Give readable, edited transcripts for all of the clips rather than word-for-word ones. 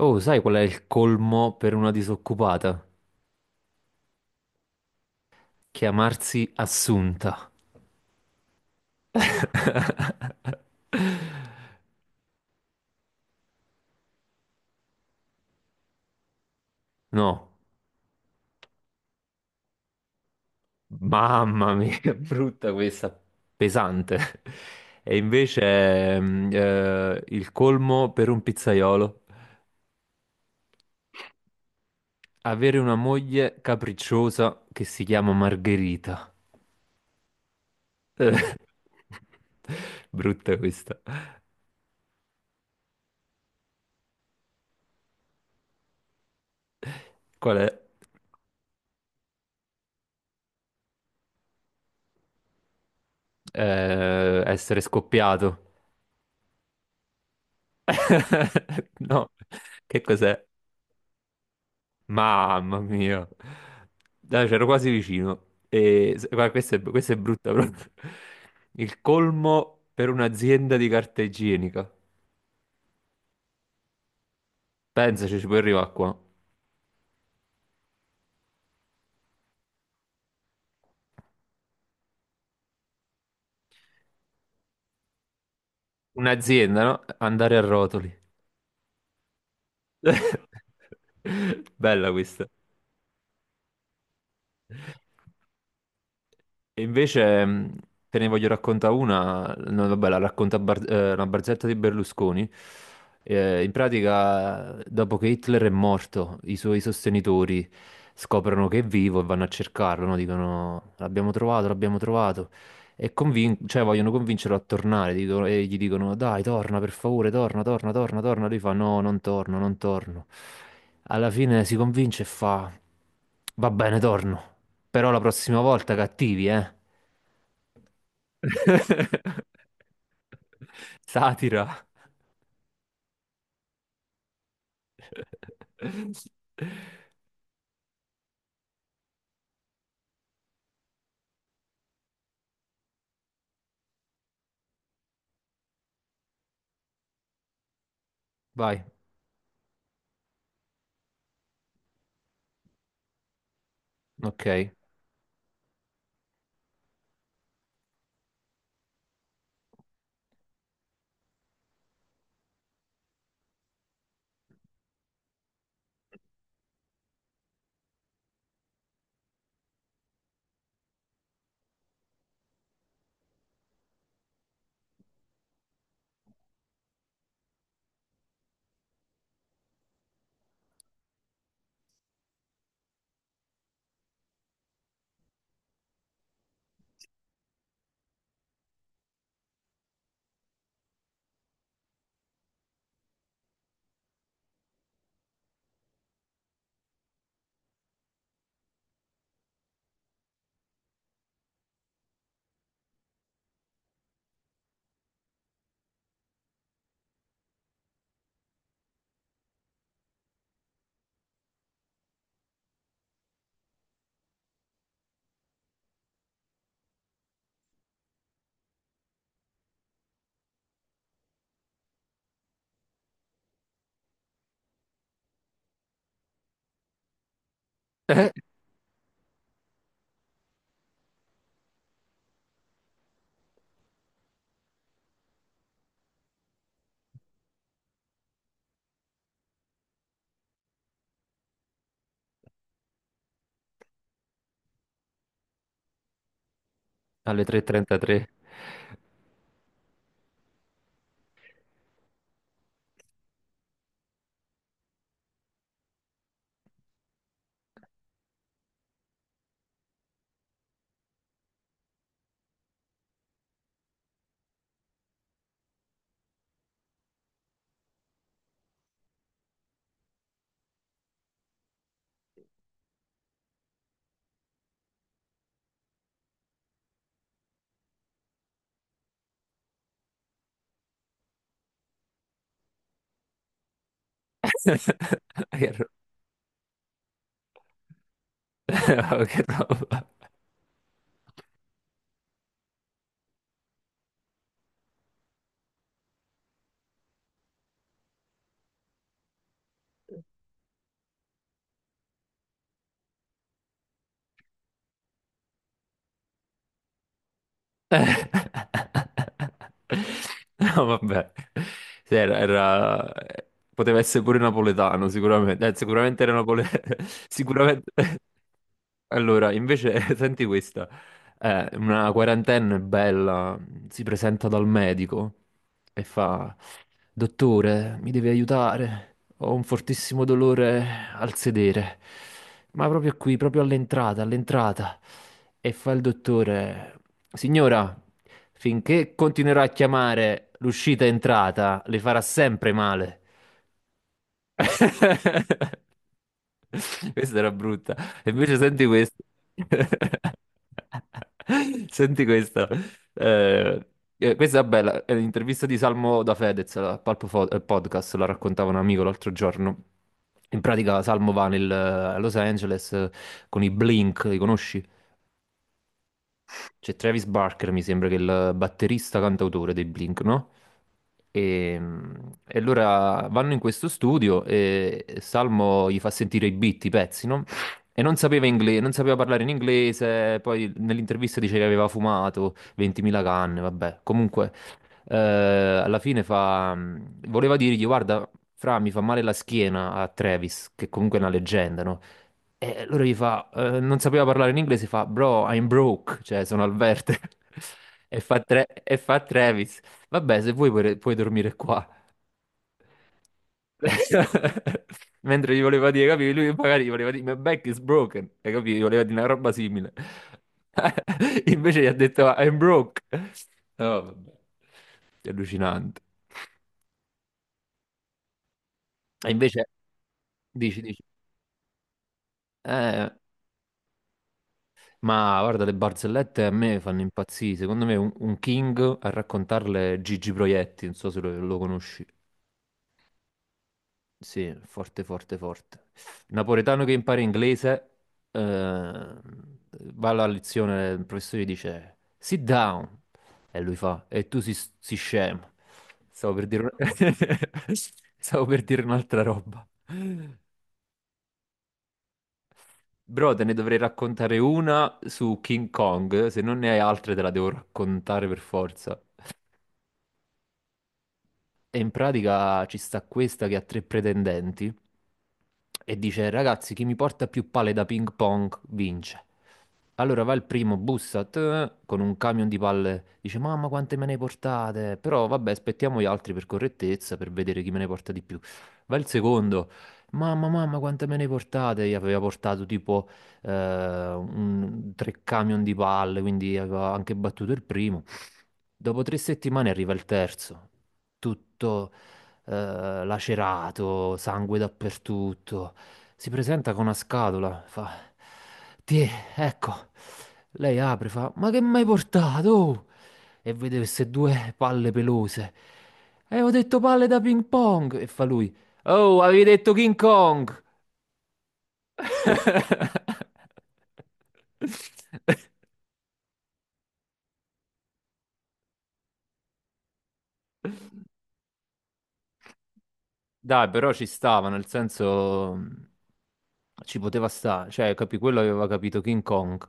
Oh, sai qual è il colmo per una disoccupata? Chiamarsi Assunta. No, mamma mia, che brutta questa, pesante. E invece il colmo per un pizzaiolo, avere una moglie capricciosa che si chiama Margherita. Brutta questa. Qual è? Essere scoppiato. No, che cos'è? Mamma mia, dai, c'ero quasi vicino. E, guarda, questa è brutta proprio. Il colmo per un'azienda di carta igienica. Pensaci, ci puoi arrivare qua. Un'azienda, no? Andare a rotoli. Bella questa. E invece te ne voglio raccontare una, no, vabbè, la racconta una barzelletta di Berlusconi. In pratica, dopo che Hitler è morto, i suoi sostenitori scoprono che è vivo e vanno a cercarlo, no? Dicono l'abbiamo trovato, l'abbiamo trovato. E vogliono convincerlo a tornare, e gli dicono dai, torna per favore, torna, torna, torna, torna. Lui fa no, non torno, non torno, alla fine si convince e fa: Va bene, torno. Però la prossima volta cattivi, eh? Satira. Vai, ok. Eh? Alle 3:33. Che ro- che roba. No, vabbè. Sì, poteva essere pure napoletano, sicuramente. Sicuramente era napoletano. Sicuramente. Allora, invece, senti questa. Una quarantenne bella si presenta dal medico e fa: Dottore, mi devi aiutare. Ho un fortissimo dolore al sedere. Ma proprio qui, proprio all'entrata, all'entrata. E fa il dottore, signora, finché continuerà a chiamare l'uscita e entrata, le farà sempre male. Questa era brutta. E invece senti questa. Senti questa. Eh, Questa è bella. È l'intervista di Salmo da Fedez al Podcast, la raccontava un amico l'altro giorno. In pratica Salmo va a Los Angeles, con i Blink, li conosci? C'è Travis Barker, mi sembra che è il batterista cantautore dei Blink, no? E, e allora vanno in questo studio e Salmo gli fa sentire i beat, i pezzi, no? E non sapeva parlare in inglese, poi nell'intervista dice che aveva fumato 20.000 canne, vabbè. Comunque, alla fine fa... voleva dirgli, guarda, Fra, mi fa male la schiena a Travis, che comunque è una leggenda, no? E loro gli fa, non sapeva parlare in inglese, fa, bro, I'm broke, cioè sono al verde. E fa Travis, vabbè, se vuoi puoi dormire qua. Mentre gli voleva dire, capi, lui magari gli voleva dire, my back is broken, e capi, gli voleva dire una roba simile. Invece gli ha detto, I'm broke. Oh, vabbè. È allucinante. E invece, dici, dici, eh... ma guarda, le barzellette a me fanno impazzire. Secondo me un King a raccontarle è Gigi Proietti, non so se lo conosci. Sì, forte, forte, forte. Napoletano che impara inglese, va alla lezione, il professore gli dice sit down, e lui fa, e tu si, si scemo. Stavo per dire, un- stavo per dire un'altra roba. Bro, te ne dovrei raccontare una su King Kong, se non ne hai altre te la devo raccontare per forza. E in pratica ci sta questa che ha 3 pretendenti e dice: Ragazzi, chi mi porta più palle da ping pong vince. Allora va il primo, bussa tè, con un camion di palle, dice: Mamma, quante me ne portate? Però vabbè, aspettiamo gli altri per correttezza, per vedere chi me ne porta di più. Va il secondo, mamma, mamma, quante me ne portate? Gli aveva portato tipo 3 camion di palle, quindi aveva anche battuto il primo. Dopo 3 settimane arriva il terzo, tutto eh, lacerato, sangue dappertutto. Si presenta con una scatola, fa: Ti, ecco. Lei apre, fa: Ma che mi hai portato? Oh? E vede queste due palle pelose. E ho detto palle da ping pong. E fa lui: Oh, avevi detto King Kong! Dai, però ci stava, nel senso ci poteva stare, cioè, capi, quello aveva capito King Kong.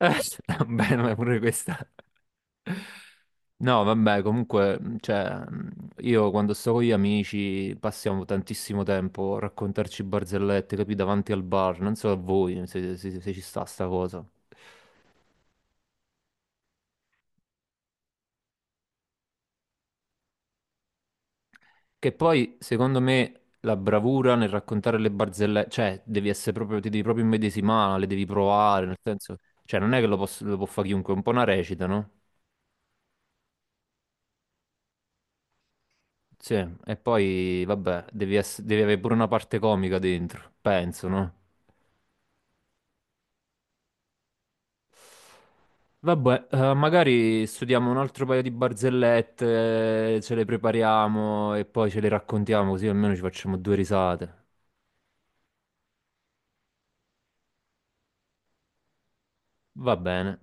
Eh, vabbè, ma pure questa. No, vabbè, comunque, io quando sto con gli amici passiamo tantissimo tempo a raccontarci barzellette, capi, davanti al bar, non so a voi se, se ci sta sta cosa. Che poi, secondo me, la bravura nel raccontare le barzellette, cioè, devi essere proprio, ti devi proprio immedesimare, le devi provare, nel senso, cioè, non è che lo può fare chiunque, è un po' una recita, no? Sì, e poi, vabbè, devi avere pure una parte comica dentro, penso, no? Vabbè, magari studiamo un altro paio di barzellette, ce le prepariamo e poi ce le raccontiamo, così almeno ci facciamo due risate. Va bene.